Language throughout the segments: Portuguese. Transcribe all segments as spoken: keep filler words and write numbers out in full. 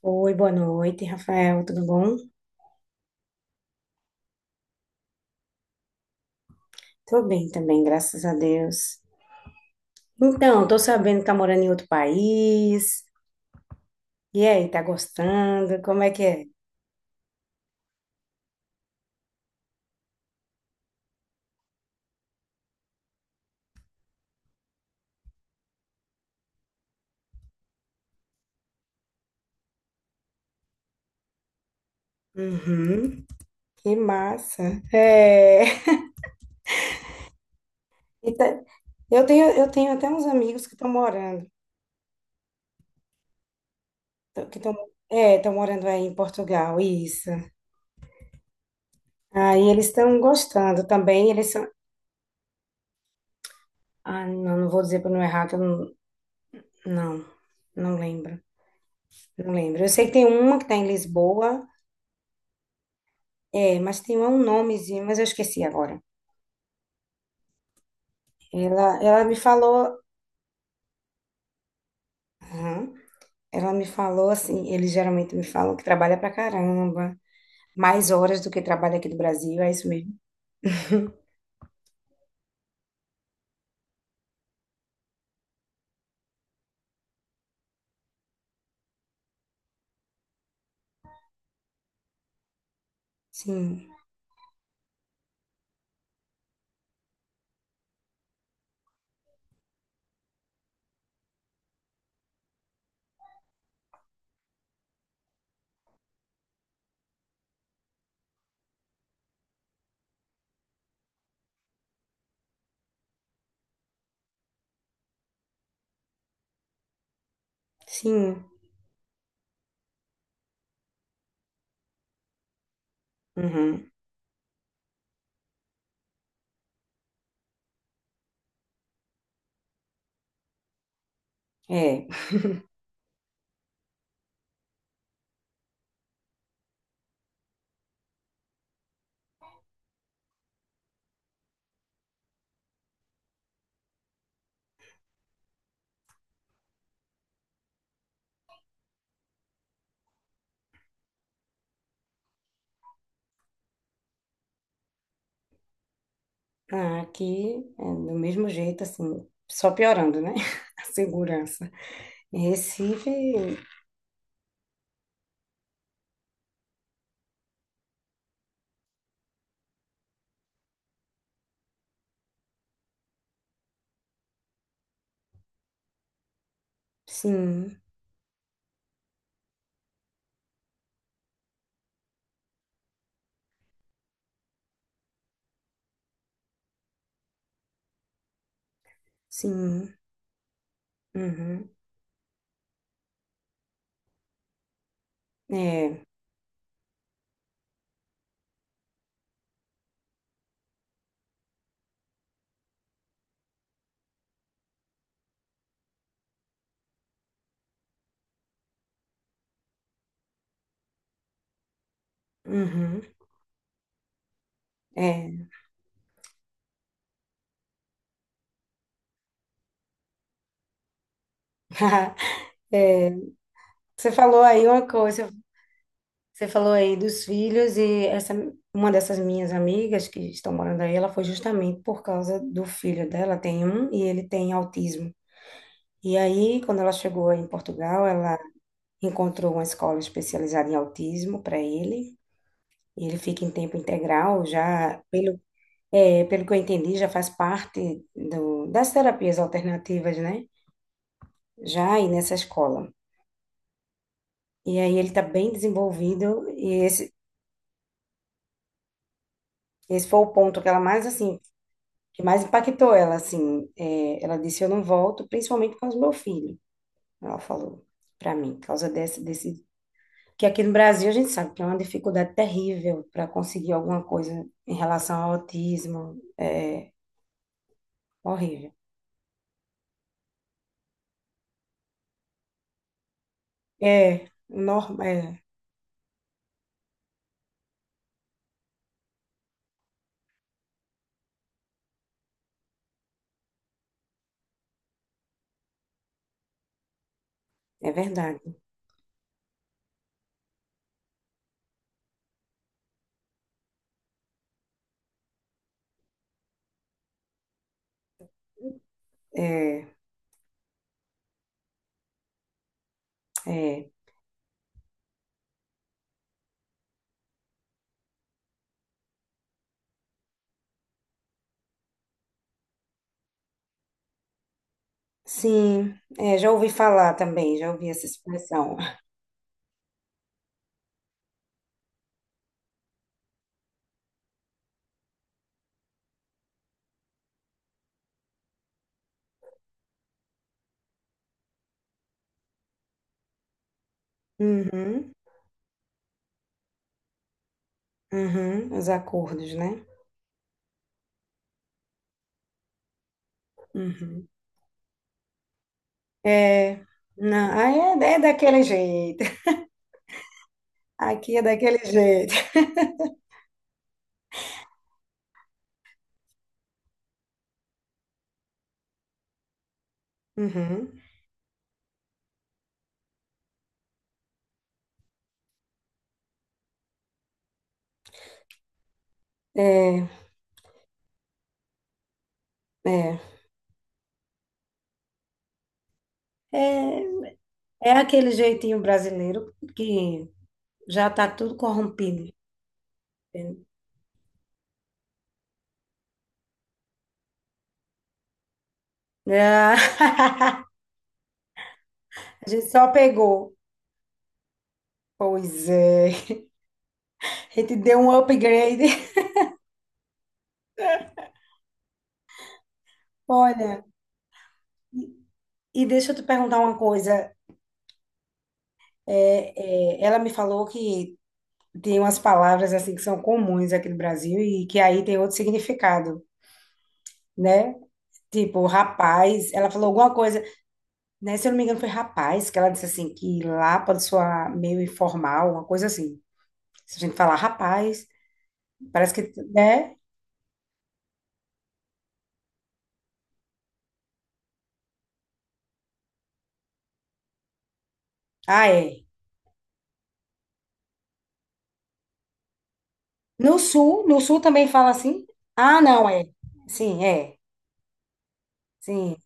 Oi, boa noite, Rafael, tudo bom? Tô bem também, graças a Deus. Então, tô sabendo que tá morando em outro país. E aí, tá gostando? Como é que é? Uhum, que massa. É. e tá- Eu tenho, eu tenho até uns amigos que estão morando, que estão, é, estão morando aí em Portugal, isso. Aí eles estão gostando também, eles são, ah, não, não vou dizer para não errar, que eu não, não, não lembro, não lembro. Eu sei que tem uma que está em Lisboa. É, mas tem um nomezinho, mas eu esqueci agora. Ela, ela me falou, aham, ela me falou assim, eles geralmente me falam que trabalha pra caramba, mais horas do que trabalha aqui do Brasil, é isso mesmo? Sim, sim, uhum, é. Ah, aqui é do mesmo jeito, assim, só piorando, né? A segurança. Em Recife, sim, sim, uhum, é, uhum, é. É. Você falou aí uma coisa, você falou aí dos filhos e essa uma dessas minhas amigas que estão morando aí, ela foi justamente por causa do filho dela, tem um e ele tem autismo. E aí, quando ela chegou em Portugal, ela encontrou uma escola especializada em autismo para ele. E ele fica em tempo integral, já pelo é, pelo que eu entendi, já faz parte do, das terapias alternativas, né? Já aí nessa escola. E aí ele está bem desenvolvido e esse esse foi o ponto que ela mais assim que mais impactou ela, assim, é, ela disse, eu não volto, principalmente por causa do meu filho, ela falou para mim, por causa desse, desse, que aqui no Brasil a gente sabe que é uma dificuldade terrível para conseguir alguma coisa em relação ao autismo, é horrível. É, norma, é, é verdade. É, é, sim, é, já ouvi falar também, já ouvi essa expressão. Uhum, uhum, os acordos, né? Uhum. É, não, ah, é, é daquele jeito. Aqui é daquele jeito. Uhum. É, é. É, é aquele jeitinho brasileiro que já tá tudo corrompido. Entende? Ah, a gente só pegou. Pois é. A gente deu um upgrade. Olha, e e deixa eu te perguntar uma coisa. É, é, ela me falou que tem umas palavras assim que são comuns aqui no Brasil e que aí tem outro significado, né? Tipo, rapaz, ela falou alguma coisa. Né? Se eu não me engano, foi rapaz que ela disse assim, que lá pode soar meio informal, uma coisa assim. Se a gente falar rapaz, parece que, né? Ah, é. No sul, no sul também fala assim? Ah, não, é. Sim, é. Sim.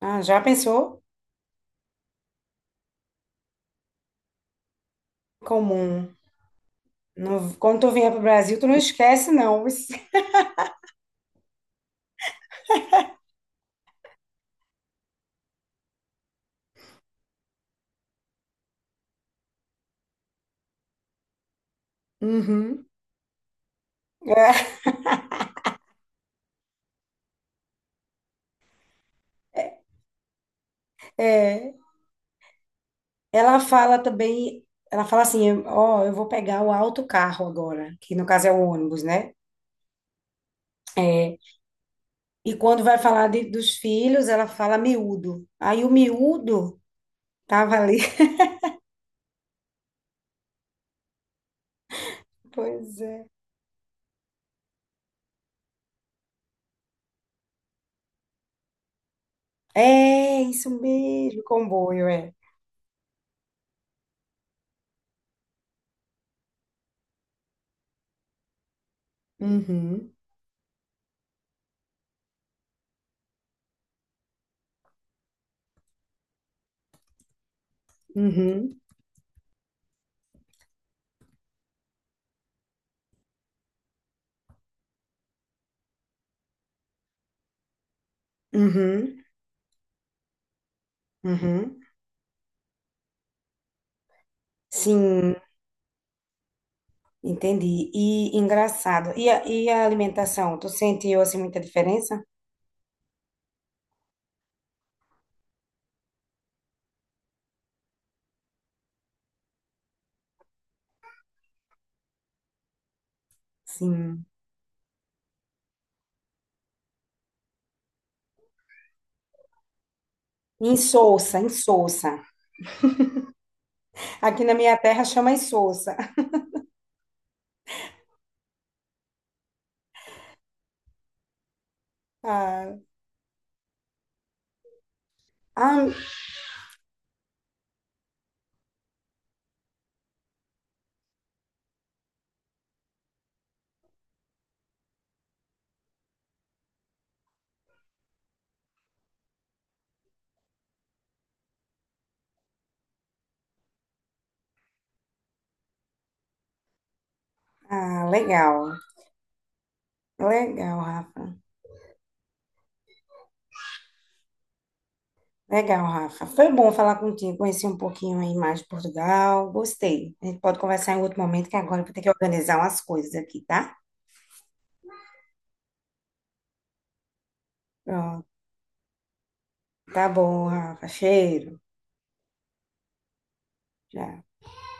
Ah, já pensou? Comum. Não- quando tu vier pro Brasil, tu não esquece, não. Uhum. É, é. Ela fala também, ela fala assim, ó, eu vou pegar o autocarro agora, que no caso é o ônibus, né? É. E quando vai falar de- dos filhos, ela fala miúdo. Aí o miúdo tava ali. Pois é. É, isso mesmo, comboio, é. Uhum, uhum, uhum, uhum. Sim, entendi. E engraçado. E a, e a alimentação? Tu sentiu assim muita diferença? Sim. Insossa, insossa. Aqui na minha terra chama insossa. Ah, ah, ah, legal. Legal, Rafa. Legal, Rafa. Foi bom falar contigo, conhecer um pouquinho aí mais de Portugal. Gostei. A gente pode conversar em outro momento, que agora eu vou ter que organizar umas coisas aqui, tá? Pronto. Tá bom, Rafa. Cheiro. Tchau.